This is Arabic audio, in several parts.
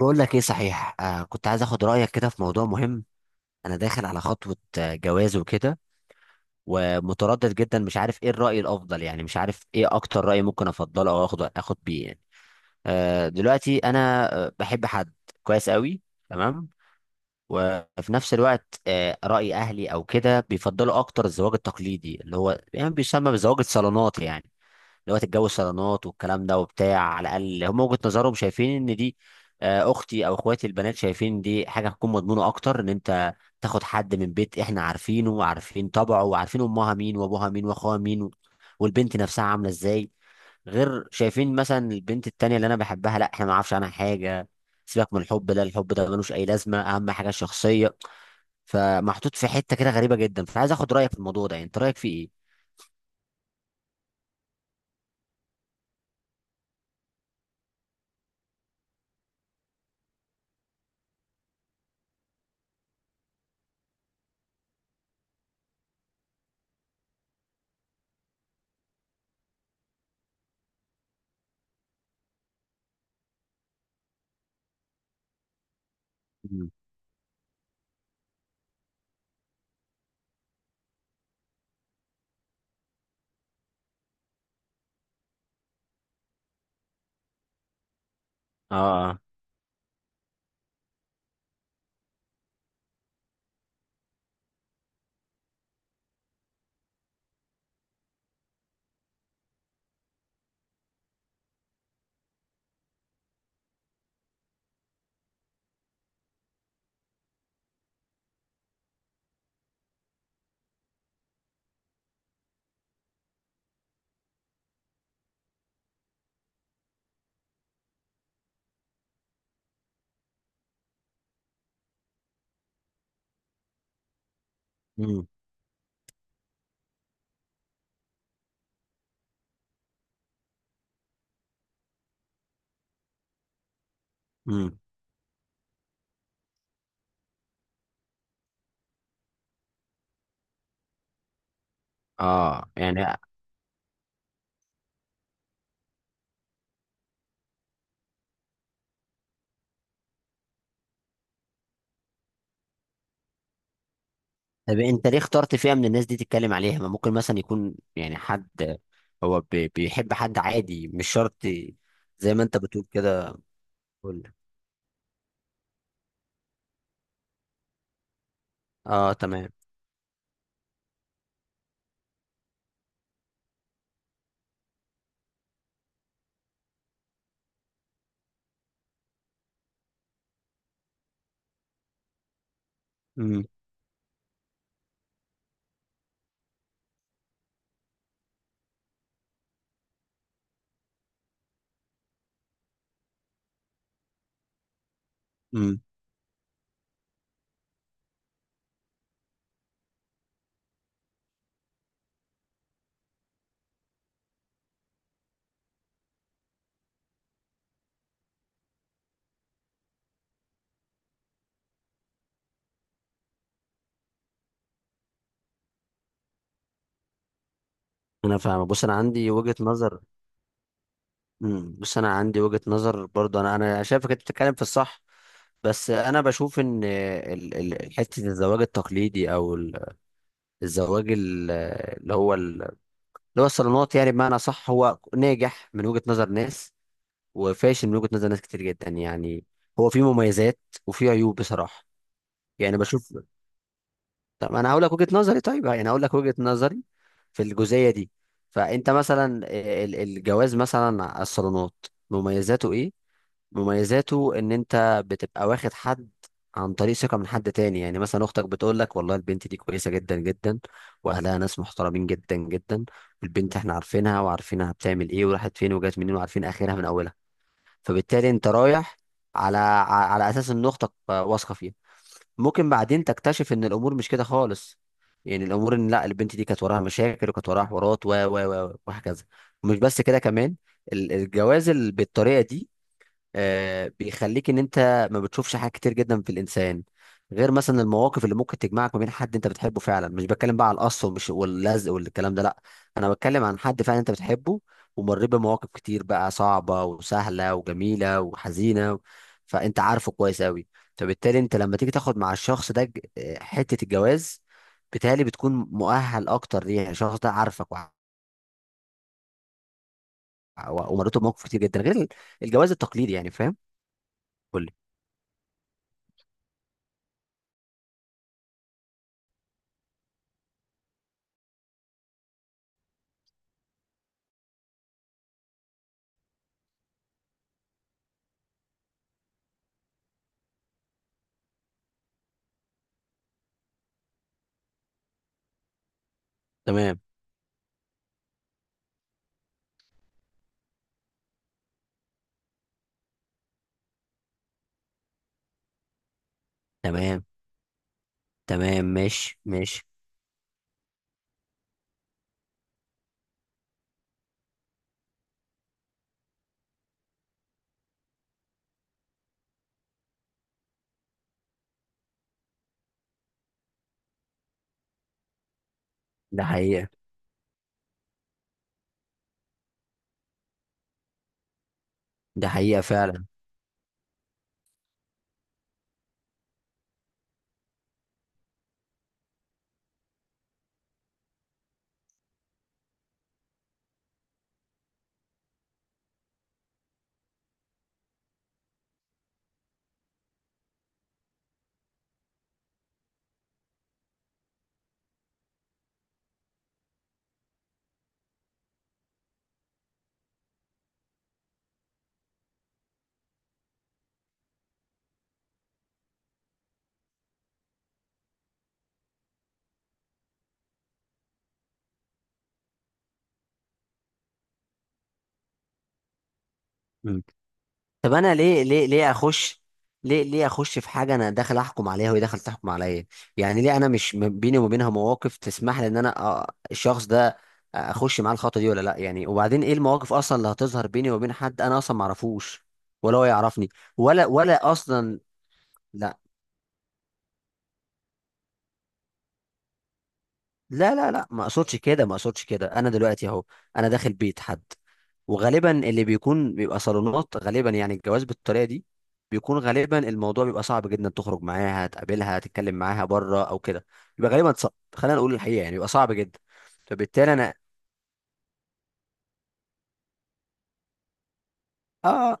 بقول لك ايه صحيح، كنت عايز اخد رايك كده في موضوع مهم. انا داخل على خطوه، جواز وكده. ومتردد جدا، مش عارف ايه الراي الافضل، يعني مش عارف ايه اكتر راي ممكن افضله او اخد بيه يعني. دلوقتي انا بحب حد. كويس قوي. تمام. وفي نفس الوقت راي اهلي او كده بيفضلوا اكتر الزواج التقليدي، اللي هو يعني بيسمى بزواج الصالونات يعني. اللي هو تتجوز صالونات والكلام ده وبتاع، على الاقل هم وجهة نظرهم شايفين ان دي، اختي او اخواتي البنات شايفين دي حاجه هتكون مضمونه اكتر، ان انت تاخد حد من بيت احنا عارفينه وعارفين طبعه وعارفين امها مين وابوها مين واخوها مين والبنت نفسها عامله ازاي. غير شايفين مثلا البنت التانية اللي انا بحبها، لا احنا ما نعرفش عنها حاجه. سيبك من الحب ده، الحب ده ملوش اي لازمه، اهم حاجه الشخصيه. فمحطوط في حته كده غريبه جدا، فعايز اخد رايك في الموضوع ده، يعني انت رايك فيه ايه؟ مم. اه، اه. مم. مم. اه يعني. طب انت ليه اخترت فئة من الناس دي تتكلم عليها؟ ما ممكن مثلا يكون يعني حد هو بيحب حد عادي، مش شرط زي ما انت بتقول كده. كل. اه، تمام. امم. امم. انا فاهم. بص، انا عندي وجهة نظر. بص، انا عندي وجهة نظر برضه، انا شايفك انت بتتكلم في الصح. بس انا بشوف ان حته الزواج التقليدي او الزواج اللي هو ال- اللي هو الصالونات، يعني بمعنى صح هو ناجح من وجهة نظر ناس، وفاشل من وجهة نظر ناس كتير جدا يعني. هو فيه مميزات، وفيه عيوب بصراحة. يعني بشوف. طب انا هقول لك وجهة نظري، طيب يعني هقول لك وجهة نظري في الجزئية دي. فانت مثلا الجواز مثلا على الصالونات، مميزاته ايه؟ مميزاته ان انت بتبقى واخد حد عن طريق ثقة من حد تاني، يعني مثلا اختك بتقول لك والله البنت دي كويسة جدا جدا، واهلها ناس محترمين جدا جدا، البنت احنا عارفينها، وعارفينها بتعمل ايه وراحت فين وجات منين وعارفين اخرها من اولها. فبالتالي انت رايح على اساس ان اختك واثقه فيها. ممكن بعدين تكتشف ان الامور مش كده خالص، يعني الامور ان لا، البنت دي كانت وراها مشاكل وكانت وراها حوارات و وهكذا. ومش بس كده كمان، الجواز بالطريقه دي بيخليك ان انت ما بتشوفش حاجات كتير جدا في الانسان، غير مثلا المواقف اللي ممكن تجمعك ما بين حد انت بتحبه فعلا، مش بتكلم بقى على القص ومش واللزق والكلام ده، لا. انا بتكلم عن حد فعلا انت بتحبه، ومر بمواقف كتير بقى صعبة وسهلة وجميلة وحزينة. فانت عارفه كويس قوي. فبالتالي انت لما تيجي تاخد مع الشخص ده حتة الجواز، بالتالي بتكون مؤهل اكتر ليه، يعني الشخص ده عارفك ومريته بمواقف كتير جدا غير الجواز التقليدي يعني، فاهم؟ قول لي. تمام. تمام، تمام. ماشي، ماشي. ده حقيقة. ده حقيقة فعلا. مم. طب انا ليه اخش، ليه اخش في حاجة، انا داخل احكم عليها وهي داخل تحكم عليا، يعني ليه انا مش بيني وما بينها مواقف تسمح لي ان انا الشخص ده اخش معاه الخطوة دي ولا لا؟ يعني وبعدين ايه المواقف اصلا اللي هتظهر بيني وبين حد انا اصلا ما اعرفوش ولا هو يعرفني، ولا اصلا. لا، لا، لا، لا، ما اقصدش كده، ما اقصدش كده، انا دلوقتي اهو انا داخل بيت حد، وغالبا اللي بيكون بيبقى صالونات غالبا، يعني الجواز بالطريقه دي بيكون غالبا الموضوع بيبقى صعب جدا تخرج معاها تقابلها تتكلم معاها بره او كده، بيبقى غالبا صعب، خلينا نقول الحقيقه، يعني بيبقى صعب جدا. فبالتالي انا. اه.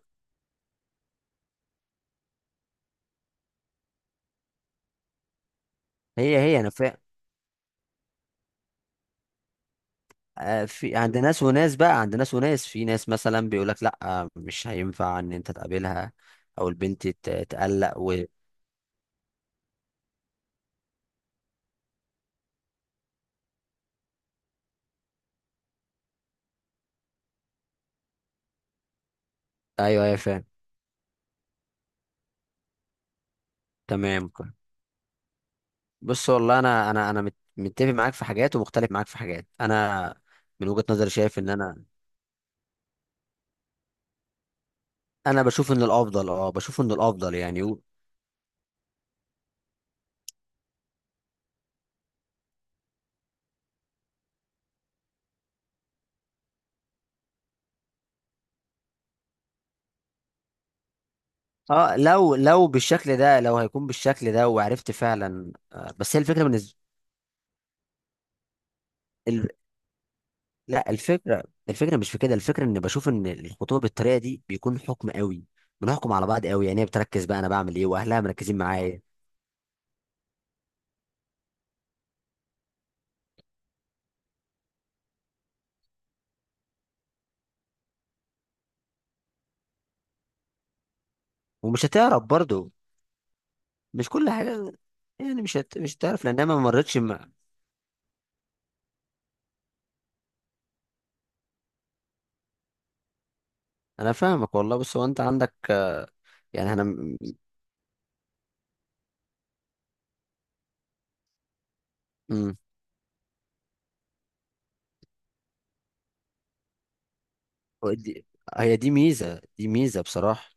هي هي انا في عند ناس وناس بقى عند ناس وناس، في ناس مثلا بيقول لك لا مش هينفع ان انت تقابلها، او البنت تقلق ايوه، ايوه، فاهم. تمام. بص والله، انا متفق معاك في حاجات، ومختلف معاك في حاجات، انا من وجهة نظري شايف ان انا انا بشوف ان الافضل، بشوف ان الافضل يعني اه، لو بالشكل ده، لو هيكون بالشكل ده وعرفت فعلا بس هي الفكره بالنسبه ال... لا الفكره، الفكره مش في كده، الفكره ان بشوف ان الخطوبه بالطريقه دي بيكون حكم قوي، بنحكم على بعض قوي، يعني هي بتركز بقى انا بعمل ايه واهلها مركزين معايا. ومش هتعرف برضه، مش كل حاجه، يعني مش هتعرف لانها ما مرتش انا فاهمك والله، بس هو انت عندك، يعني انا م- دي- هي دي ميزه، دي ميزه بصراحه.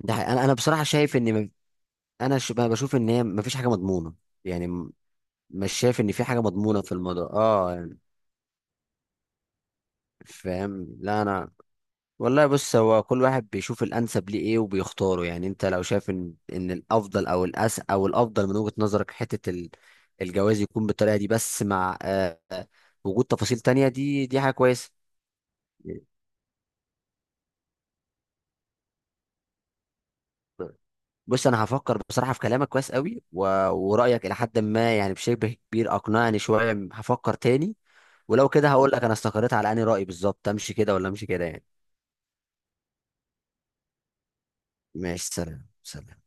ده حقيقي. انا بصراحه شايف ان انا بقى بشوف ان هي مفيش حاجه مضمونه، يعني مش شايف ان في حاجه مضمونه في الموضوع، اه يعني. فاهم. لا انا والله، بص هو كل واحد بيشوف الانسب ليه ايه وبيختاره، يعني انت لو شايف ان الافضل او الأس او الافضل من وجهه نظرك حته الجواز يكون بالطريقه دي، بس مع وجود تفاصيل تانية، دي حاجه كويسه. بص انا هفكر بصراحه في كلامك كويس قوي ورايك الى حد ما يعني بشبه كبير اقنعني شويه، هفكر تاني. ولو كده هقول لك انا استقريت على اني، راي بالظبط امشي كده ولا امشي كده يعني. ماشي، سلام، سلام.